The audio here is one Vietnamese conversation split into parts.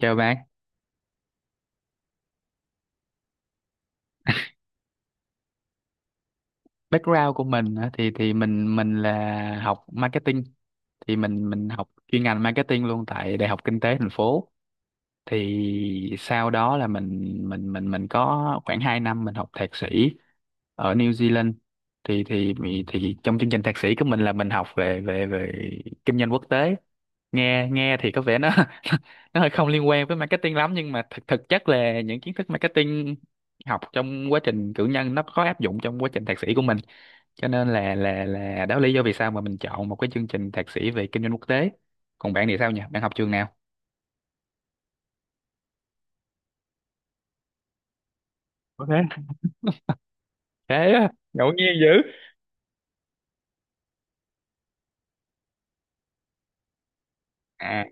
Chào bạn. Background của mình á, thì mình là học marketing, thì mình học chuyên ngành marketing luôn tại Đại học Kinh tế thành phố. Thì sau đó là mình có khoảng 2 năm mình học thạc sĩ ở New Zealand. thì thì thì trong chương trình thạc sĩ của mình là mình học về về về kinh doanh quốc tế. Nghe nghe thì có vẻ nó nó hơi không liên quan với marketing lắm, nhưng mà thực thực chất là những kiến thức marketing học trong quá trình cử nhân nó có áp dụng trong quá trình thạc sĩ của mình, cho nên là đó là lý do vì sao mà mình chọn một cái chương trình thạc sĩ về kinh doanh quốc tế. Còn bạn thì sao nhỉ, bạn học trường nào? Ok. Thế á, ngẫu nhiên dữ. À.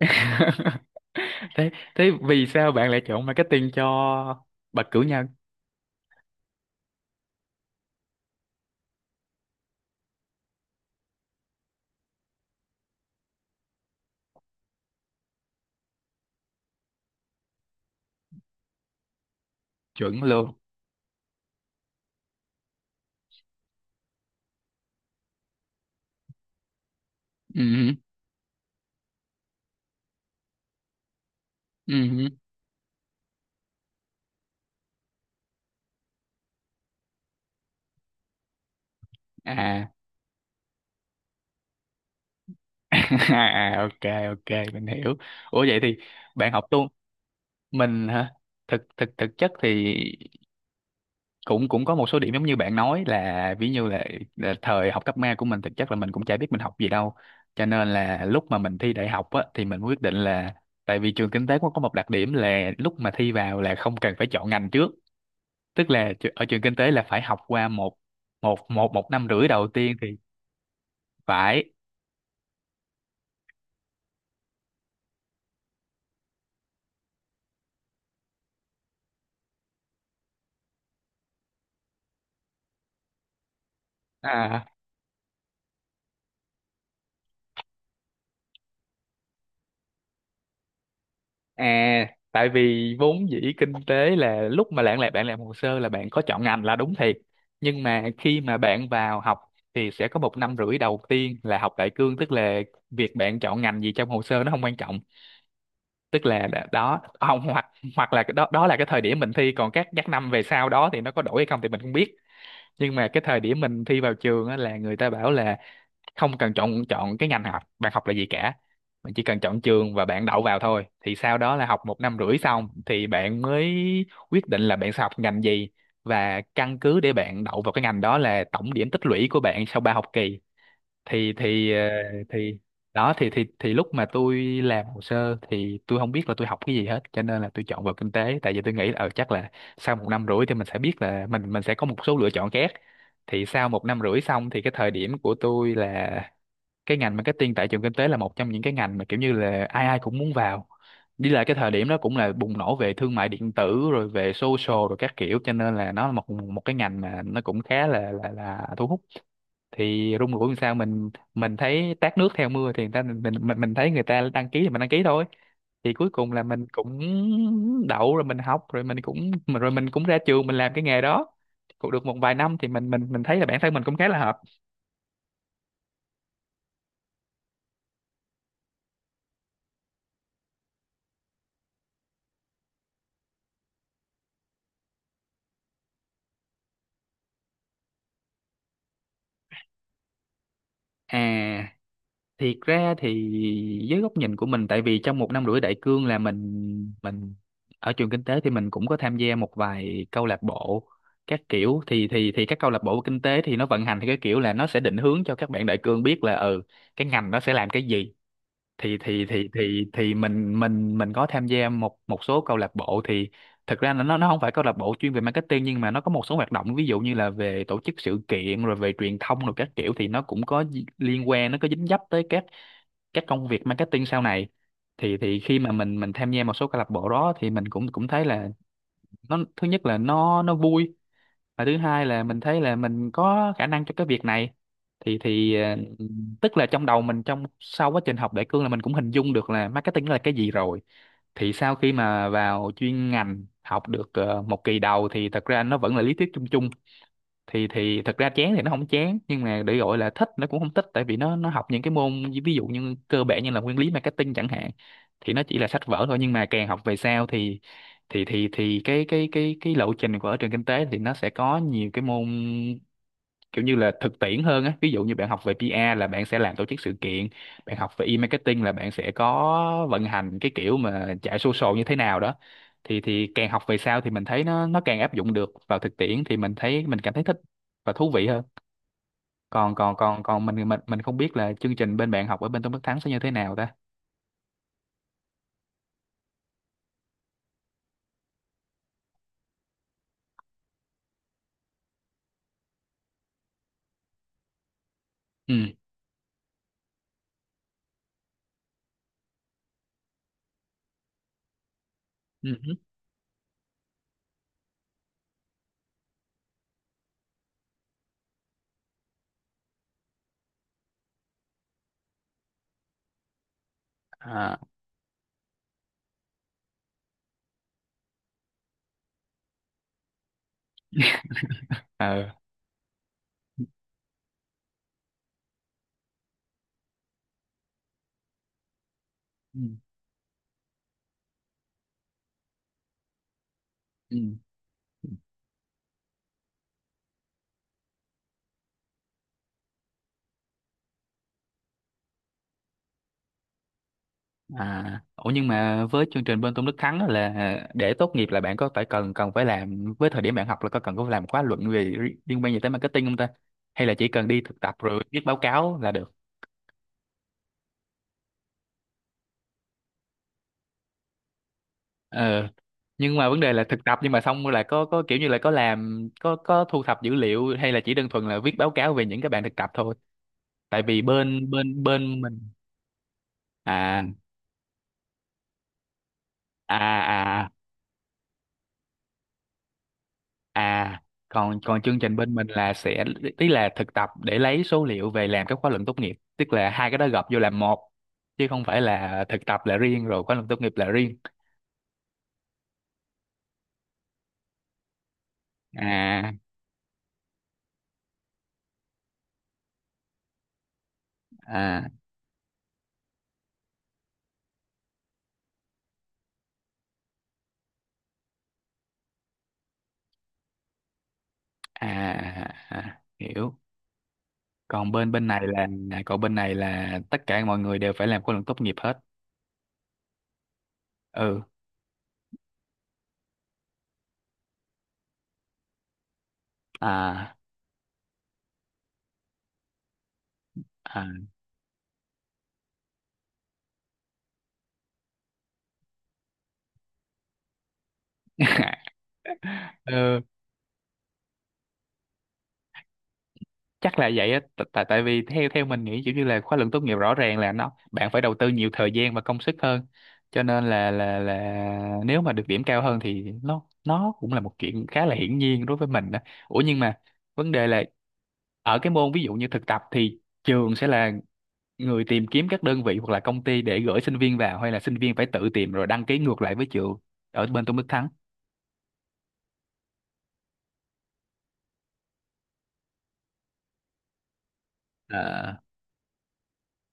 thế thế vì sao bạn lại chọn marketing cho bậc cử nhân? Chuẩn luôn. Ừ, ừ. À. À, ok, ok, mình hiểu. Ủa vậy thì bạn học tu. Mình hả? Thực thực thực chất thì cũng cũng có một số điểm giống như bạn nói, là ví như là thời học cấp ba của mình thực chất là mình cũng chả biết mình học gì đâu, cho nên là lúc mà mình thi đại học á, thì mình quyết định là, tại vì trường kinh tế cũng có một đặc điểm là lúc mà thi vào là không cần phải chọn ngành trước. Tức là ở trường kinh tế là phải học qua một một năm rưỡi đầu tiên thì phải. À. À, tại vì vốn dĩ kinh tế là lúc mà bạn làm, bạn làm hồ sơ là bạn có chọn ngành là đúng thiệt. Nhưng mà khi mà bạn vào học thì sẽ có một năm rưỡi đầu tiên là học đại cương, tức là việc bạn chọn ngành gì trong hồ sơ nó không quan trọng. Tức là đó không, hoặc hoặc là cái đó đó là cái thời điểm mình thi, còn các năm về sau đó thì nó có đổi hay không thì mình không biết. Nhưng mà cái thời điểm mình thi vào trường á, là người ta bảo là không cần chọn chọn cái ngành học bạn học là gì cả, bạn chỉ cần chọn trường và bạn đậu vào thôi, thì sau đó là học một năm rưỡi xong thì bạn mới quyết định là bạn sẽ học ngành gì, và căn cứ để bạn đậu vào cái ngành đó là tổng điểm tích lũy của bạn sau ba học kỳ. thì thì ờ, thì đó, thì lúc mà tôi làm hồ sơ thì tôi không biết là tôi học cái gì hết, cho nên là tôi chọn vào kinh tế, tại vì tôi nghĩ là chắc là sau một năm rưỡi thì mình sẽ biết là mình sẽ có một số lựa chọn khác. Thì sau một năm rưỡi xong thì cái thời điểm của tôi là cái ngành marketing tại trường kinh tế là một trong những cái ngành mà kiểu như là ai ai cũng muốn vào. Đi lại cái thời điểm đó cũng là bùng nổ về thương mại điện tử, rồi về social rồi các kiểu, cho nên là nó là một một cái ngành mà nó cũng khá là thu hút. Thì rung rủi làm sao mình thấy tát nước theo mưa, thì người ta, mình thấy người ta đăng ký thì mình đăng ký thôi. Thì cuối cùng là mình cũng đậu, rồi mình học, rồi mình cũng rồi mình cũng ra trường, mình làm cái nghề đó cũng được một vài năm thì mình thấy là bản thân mình cũng khá là hợp. À, thiệt ra thì với góc nhìn của mình, tại vì trong một năm rưỡi đại cương là mình ở trường kinh tế thì mình cũng có tham gia một vài câu lạc bộ các kiểu. Thì các câu lạc bộ kinh tế thì nó vận hành theo cái kiểu là nó sẽ định hướng cho các bạn đại cương biết là ừ cái ngành nó sẽ làm cái gì. Thì mình mình có tham gia một một số câu lạc bộ. Thì thực ra là nó không phải câu lạc bộ chuyên về marketing, nhưng mà nó có một số hoạt động ví dụ như là về tổ chức sự kiện rồi về truyền thông rồi các kiểu, thì nó cũng có liên quan, nó có dính dấp tới các công việc marketing sau này. Thì khi mà mình tham gia một số câu lạc bộ đó thì mình cũng cũng thấy là nó, thứ nhất là nó vui, và thứ hai là mình thấy là mình có khả năng cho cái việc này. thì thì ờ, Tức là trong đầu mình, trong sau quá trình học đại cương là mình cũng hình dung được là marketing là cái gì rồi. Thì sau khi mà vào chuyên ngành học được một kỳ đầu thì thật ra nó vẫn là lý thuyết chung chung. Thì Thật ra chán thì nó không chán, nhưng mà để gọi là thích nó cũng không thích, tại vì nó học những cái môn ví dụ như cơ bản như là nguyên lý marketing chẳng hạn, thì nó chỉ là sách vở thôi. Nhưng mà càng học về sau thì cái lộ trình của ở trường kinh tế thì nó sẽ có nhiều cái môn kiểu như là thực tiễn hơn á, ví dụ như bạn học về PR là bạn sẽ làm tổ chức sự kiện, bạn học về e-marketing là bạn sẽ có vận hành cái kiểu mà chạy social như thế nào đó. Thì càng học về sau thì mình thấy nó càng áp dụng được vào thực tiễn, thì mình thấy mình cảm thấy thích và thú vị hơn. Còn còn còn còn mình mình mình không biết là chương trình bên bạn học ở bên Tôn Đức Thắng sẽ như thế nào ta. Ừ. Ừ. À. Ờ. Ừ. Ừ. Ừ. À, ủa nhưng mà với chương trình bên Tôn Đức Thắng á, là để tốt nghiệp là bạn có phải cần, phải làm, với thời điểm bạn học là có cần, có phải làm khóa luận về liên quan gì tới marketing không ta? Hay là chỉ cần đi thực tập rồi viết báo cáo là được? Ờ. Nhưng mà vấn đề là thực tập nhưng mà xong rồi là có kiểu như là có làm, có thu thập dữ liệu, hay là chỉ đơn thuần là viết báo cáo về những cái bạn thực tập thôi. Tại vì bên bên bên mình. À. À. À. À, còn còn chương trình bên mình là sẽ, tức là thực tập để lấy số liệu về làm các khóa luận tốt nghiệp, tức là hai cái đó gộp vô làm một, chứ không phải là thực tập là riêng rồi khóa luận tốt nghiệp là riêng. À à à, à hiểu. Còn bên bên này là, còn bên này là tất cả mọi người đều phải làm khóa luận tốt nghiệp hết. Ừ. À, à. Ừ, chắc là vậy á, tại, tại vì theo theo mình nghĩ kiểu như là khóa luận tốt nghiệp rõ ràng là nó bạn phải đầu tư nhiều thời gian và công sức hơn, cho nên là nếu mà được điểm cao hơn thì nó cũng là một chuyện khá là hiển nhiên đối với mình đó. Ủa nhưng mà vấn đề là, ở cái môn ví dụ như thực tập thì trường sẽ là người tìm kiếm các đơn vị hoặc là công ty để gửi sinh viên vào, hay là sinh viên phải tự tìm rồi đăng ký ngược lại với trường ở bên Tôn Đức Thắng. À,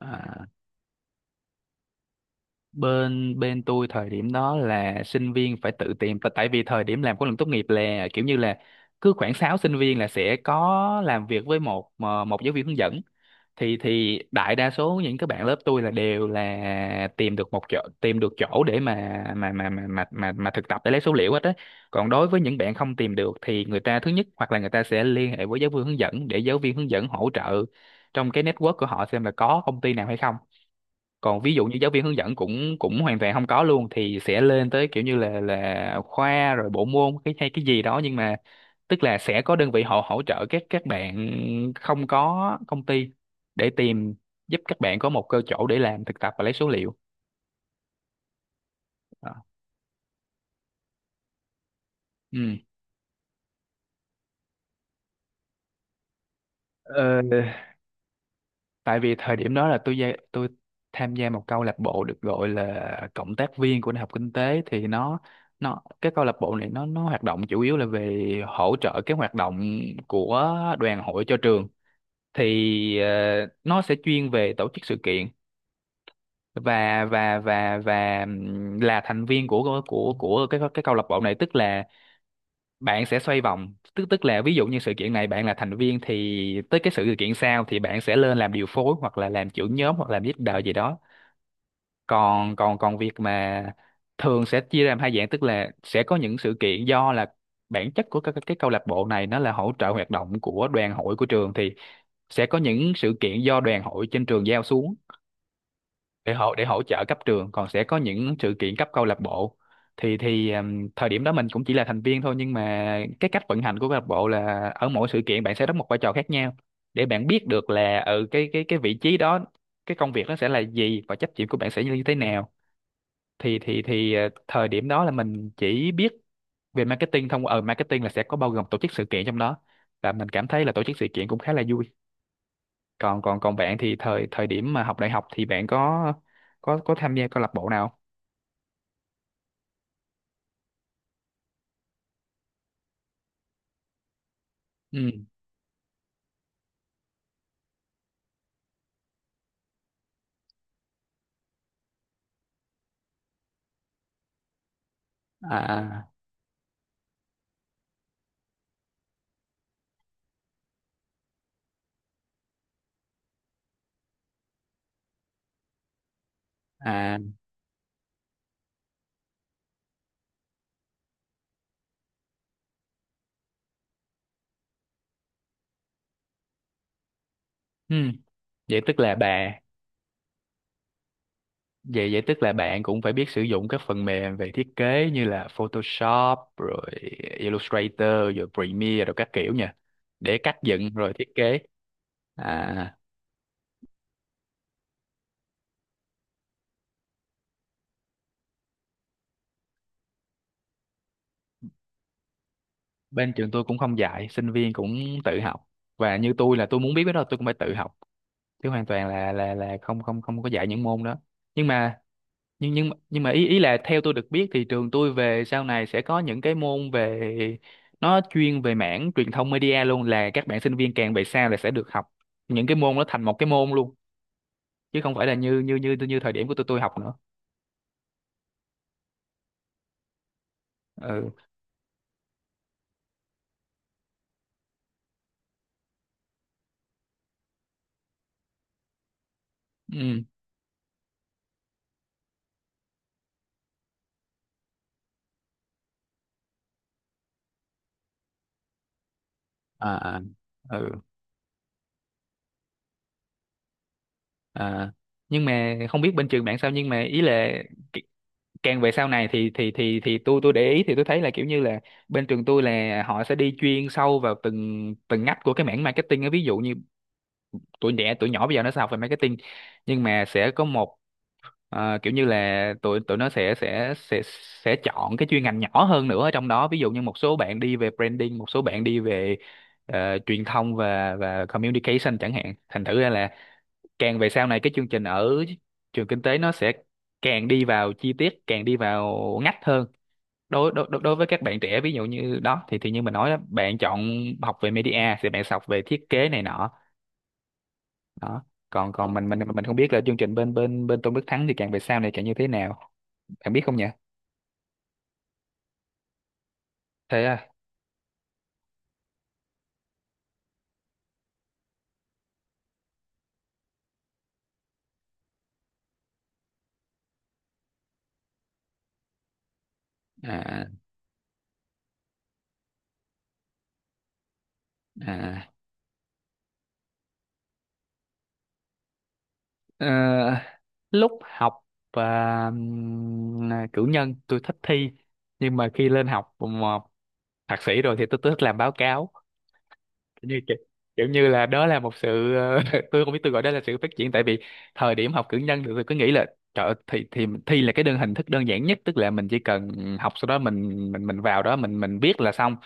à. Bên bên tôi thời điểm đó là sinh viên phải tự tìm tại tại vì thời điểm làm khóa luận tốt nghiệp là kiểu như là cứ khoảng 6 sinh viên là sẽ có làm việc với một giáo viên hướng dẫn. Thì đại đa số những các bạn lớp tôi là đều là tìm được một chỗ, tìm được chỗ để mà thực tập để lấy số liệu hết á. Còn đối với những bạn không tìm được thì người ta thứ nhất hoặc là người ta sẽ liên hệ với giáo viên hướng dẫn để giáo viên hướng dẫn hỗ trợ trong cái network của họ xem là có công ty nào hay không. Còn ví dụ như giáo viên hướng dẫn cũng cũng hoàn toàn không có luôn thì sẽ lên tới kiểu như là khoa rồi bộ môn cái hay cái gì đó. Nhưng mà tức là sẽ có đơn vị họ hỗ trợ các bạn không có công ty để tìm, giúp các bạn có một cơ chỗ để làm thực tập và lấy số liệu. Đó. Ừ. Ờ, Tại vì thời điểm đó là tôi tham gia một câu lạc bộ được gọi là cộng tác viên của Đại học Kinh tế. Thì nó cái câu lạc bộ này nó hoạt động chủ yếu là về hỗ trợ cái hoạt động của đoàn hội cho trường. Thì nó sẽ chuyên về tổ chức sự kiện. Và là thành viên của của cái câu lạc bộ này tức là bạn sẽ xoay vòng, tức tức là ví dụ như sự kiện này bạn là thành viên thì tới cái sự kiện sau thì bạn sẽ lên làm điều phối hoặc là làm trưởng nhóm hoặc làm leader gì đó. Còn còn còn việc mà thường sẽ chia ra làm hai dạng, tức là sẽ có những sự kiện do là bản chất của các cái câu lạc bộ này nó là hỗ trợ hoạt động của đoàn hội của trường thì sẽ có những sự kiện do đoàn hội trên trường giao xuống để hỗ trợ cấp trường, còn sẽ có những sự kiện cấp câu lạc bộ. Thì thời điểm đó mình cũng chỉ là thành viên thôi, nhưng mà cái cách vận hành của câu lạc bộ là ở mỗi sự kiện bạn sẽ đóng một vai trò khác nhau để bạn biết được là ở cái vị trí đó cái công việc nó sẽ là gì và trách nhiệm của bạn sẽ như thế nào. Thời điểm đó là mình chỉ biết về marketing thông ở marketing, là sẽ có bao gồm tổ chức sự kiện trong đó, và mình cảm thấy là tổ chức sự kiện cũng khá là vui. Còn còn còn bạn thì thời thời điểm mà học đại học thì bạn có có tham gia câu lạc bộ nào? Ừ. À. À. Ừ. vậy tức là bà Vậy vậy tức là bạn cũng phải biết sử dụng các phần mềm về thiết kế như là Photoshop rồi Illustrator rồi Premiere rồi các kiểu nha, để cắt dựng rồi thiết kế. À. Bên trường tôi cũng không dạy, sinh viên cũng tự học. Và như tôi là tôi muốn biết cái đó tôi cũng phải tự học chứ hoàn toàn là không không không có dạy những môn đó. Nhưng mà nhưng mà ý ý là theo tôi được biết thì trường tôi về sau này sẽ có những cái môn về, nó chuyên về mảng truyền thông media luôn, là các bạn sinh viên càng về sau là sẽ được học những cái môn, nó thành một cái môn luôn, chứ không phải là như như thời điểm của tôi học nữa. Ừ. Ừ. À, à. Ừ. À. Nhưng mà không biết bên trường bạn sao, nhưng mà ý là c- càng về sau này thì thì tôi để ý thì tôi thấy là kiểu như là bên trường tôi là họ sẽ đi chuyên sâu vào từng từng ngách của cái mảng marketing á, ví dụ như tuổi trẻ tuổi nhỏ bây giờ nó sẽ học về marketing, nhưng mà sẽ có một, kiểu như là tụi tụi nó sẽ sẽ chọn cái chuyên ngành nhỏ hơn nữa ở trong đó, ví dụ như một số bạn đi về branding, một số bạn đi về truyền thông và communication chẳng hạn. Thành thử ra là càng về sau này cái chương trình ở trường kinh tế nó sẽ càng đi vào chi tiết, càng đi vào ngách hơn. Đối đối đối đối với các bạn trẻ ví dụ như đó thì như mình nói đó, bạn chọn học về media thì bạn sẽ học về thiết kế này nọ. Đó. Còn còn mình không biết là chương trình bên bên bên Tôn Đức Thắng thì càng về sau này càng như thế nào, bạn biết không nhỉ? Thế à? À, à. Ờ, Lúc học à, cử nhân tôi thích thi, nhưng mà khi lên học mà thạc sĩ rồi thì tôi thích làm báo cáo. Kiểu như kiểu như là đó là một sự tôi không biết, tôi gọi đó là sự phát triển. Tại vì thời điểm học cử nhân thì tôi cứ nghĩ là Trời ơi, thì thi là cái đơn hình thức đơn giản nhất, tức là mình chỉ cần học sau đó mình mình vào đó mình viết là xong.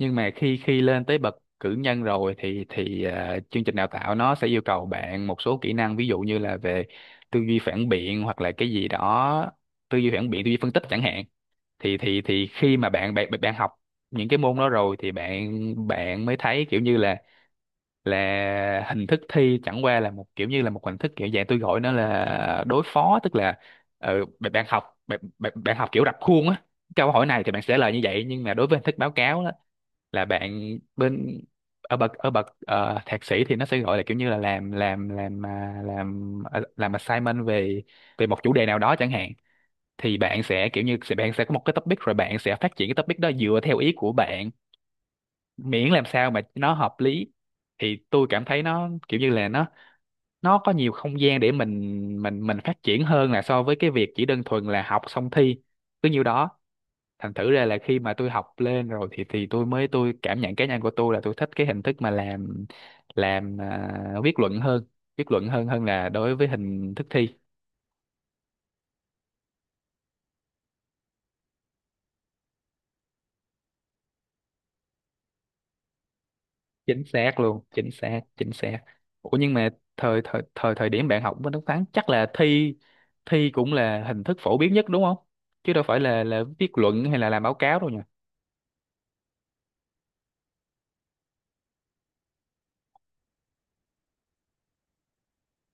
Nhưng mà khi khi lên tới bậc cử nhân rồi thì chương trình đào tạo nó sẽ yêu cầu bạn một số kỹ năng, ví dụ như là về tư duy phản biện hoặc là cái gì đó, tư duy phản biện tư duy phân tích chẳng hạn. Thì khi mà bạn bạn bạn học những cái môn đó rồi thì bạn bạn mới thấy kiểu như là hình thức thi chẳng qua là một kiểu như là một hình thức kiểu dạng tôi gọi nó là đối phó, tức là bạn bạn học bạn học kiểu rập khuôn á, câu hỏi này thì bạn sẽ lời như vậy. Nhưng mà đối với hình thức báo cáo á, là bạn bên ở bậc thạc sĩ thì nó sẽ gọi là kiểu như là làm làm assignment về về một chủ đề nào đó chẳng hạn, thì bạn sẽ kiểu như bạn sẽ có một cái topic rồi bạn sẽ phát triển cái topic đó dựa theo ý của bạn, miễn làm sao mà nó hợp lý. Thì tôi cảm thấy nó kiểu như là nó có nhiều không gian để mình mình phát triển hơn là so với cái việc chỉ đơn thuần là học xong thi cứ nhiêu đó. Thành thử ra là khi mà tôi học lên rồi thì tôi mới, tôi cảm nhận cá nhân của tôi là tôi thích cái hình thức mà làm viết luận hơn, viết luận hơn hơn là đối với hình thức thi. Chính xác luôn, chính xác, chính xác. Ủa, nhưng mà thời thời thời thời điểm bạn học bên Đức Thắng chắc là thi, thi cũng là hình thức phổ biến nhất đúng không, chứ đâu phải là viết luận hay là làm báo cáo đâu nhỉ?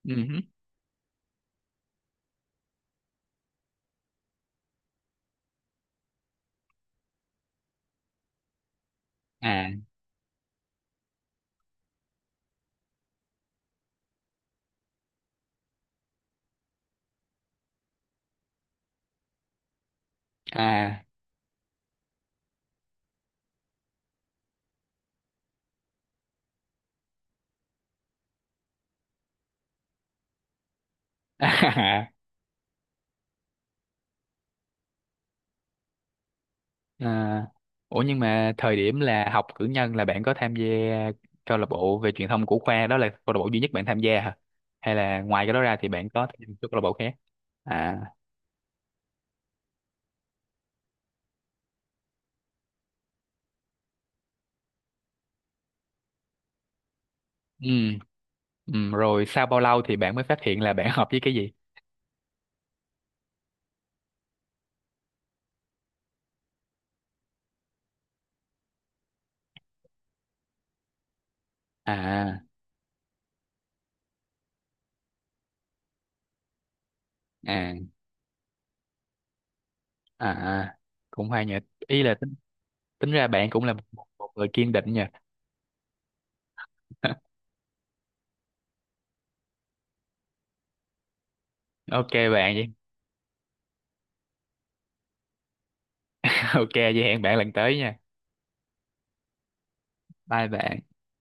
Ừ hứ. À. À. À, ủa nhưng mà thời điểm là học cử nhân là bạn có tham gia câu lạc bộ về truyền thông của khoa, đó là câu lạc bộ duy nhất bạn tham gia hả? Hay là ngoài cái đó ra thì bạn có tham gia một số câu lạc bộ khác? À. Ừ. Ừ, rồi sau bao lâu thì bạn mới phát hiện là bạn hợp với cái gì? À, à. À, à, cũng hay nhỉ. Ý là tính ra bạn cũng là một người kiên định nhỉ? Ok bạn, ok vậy hẹn bạn lần tới nha. Bye bạn.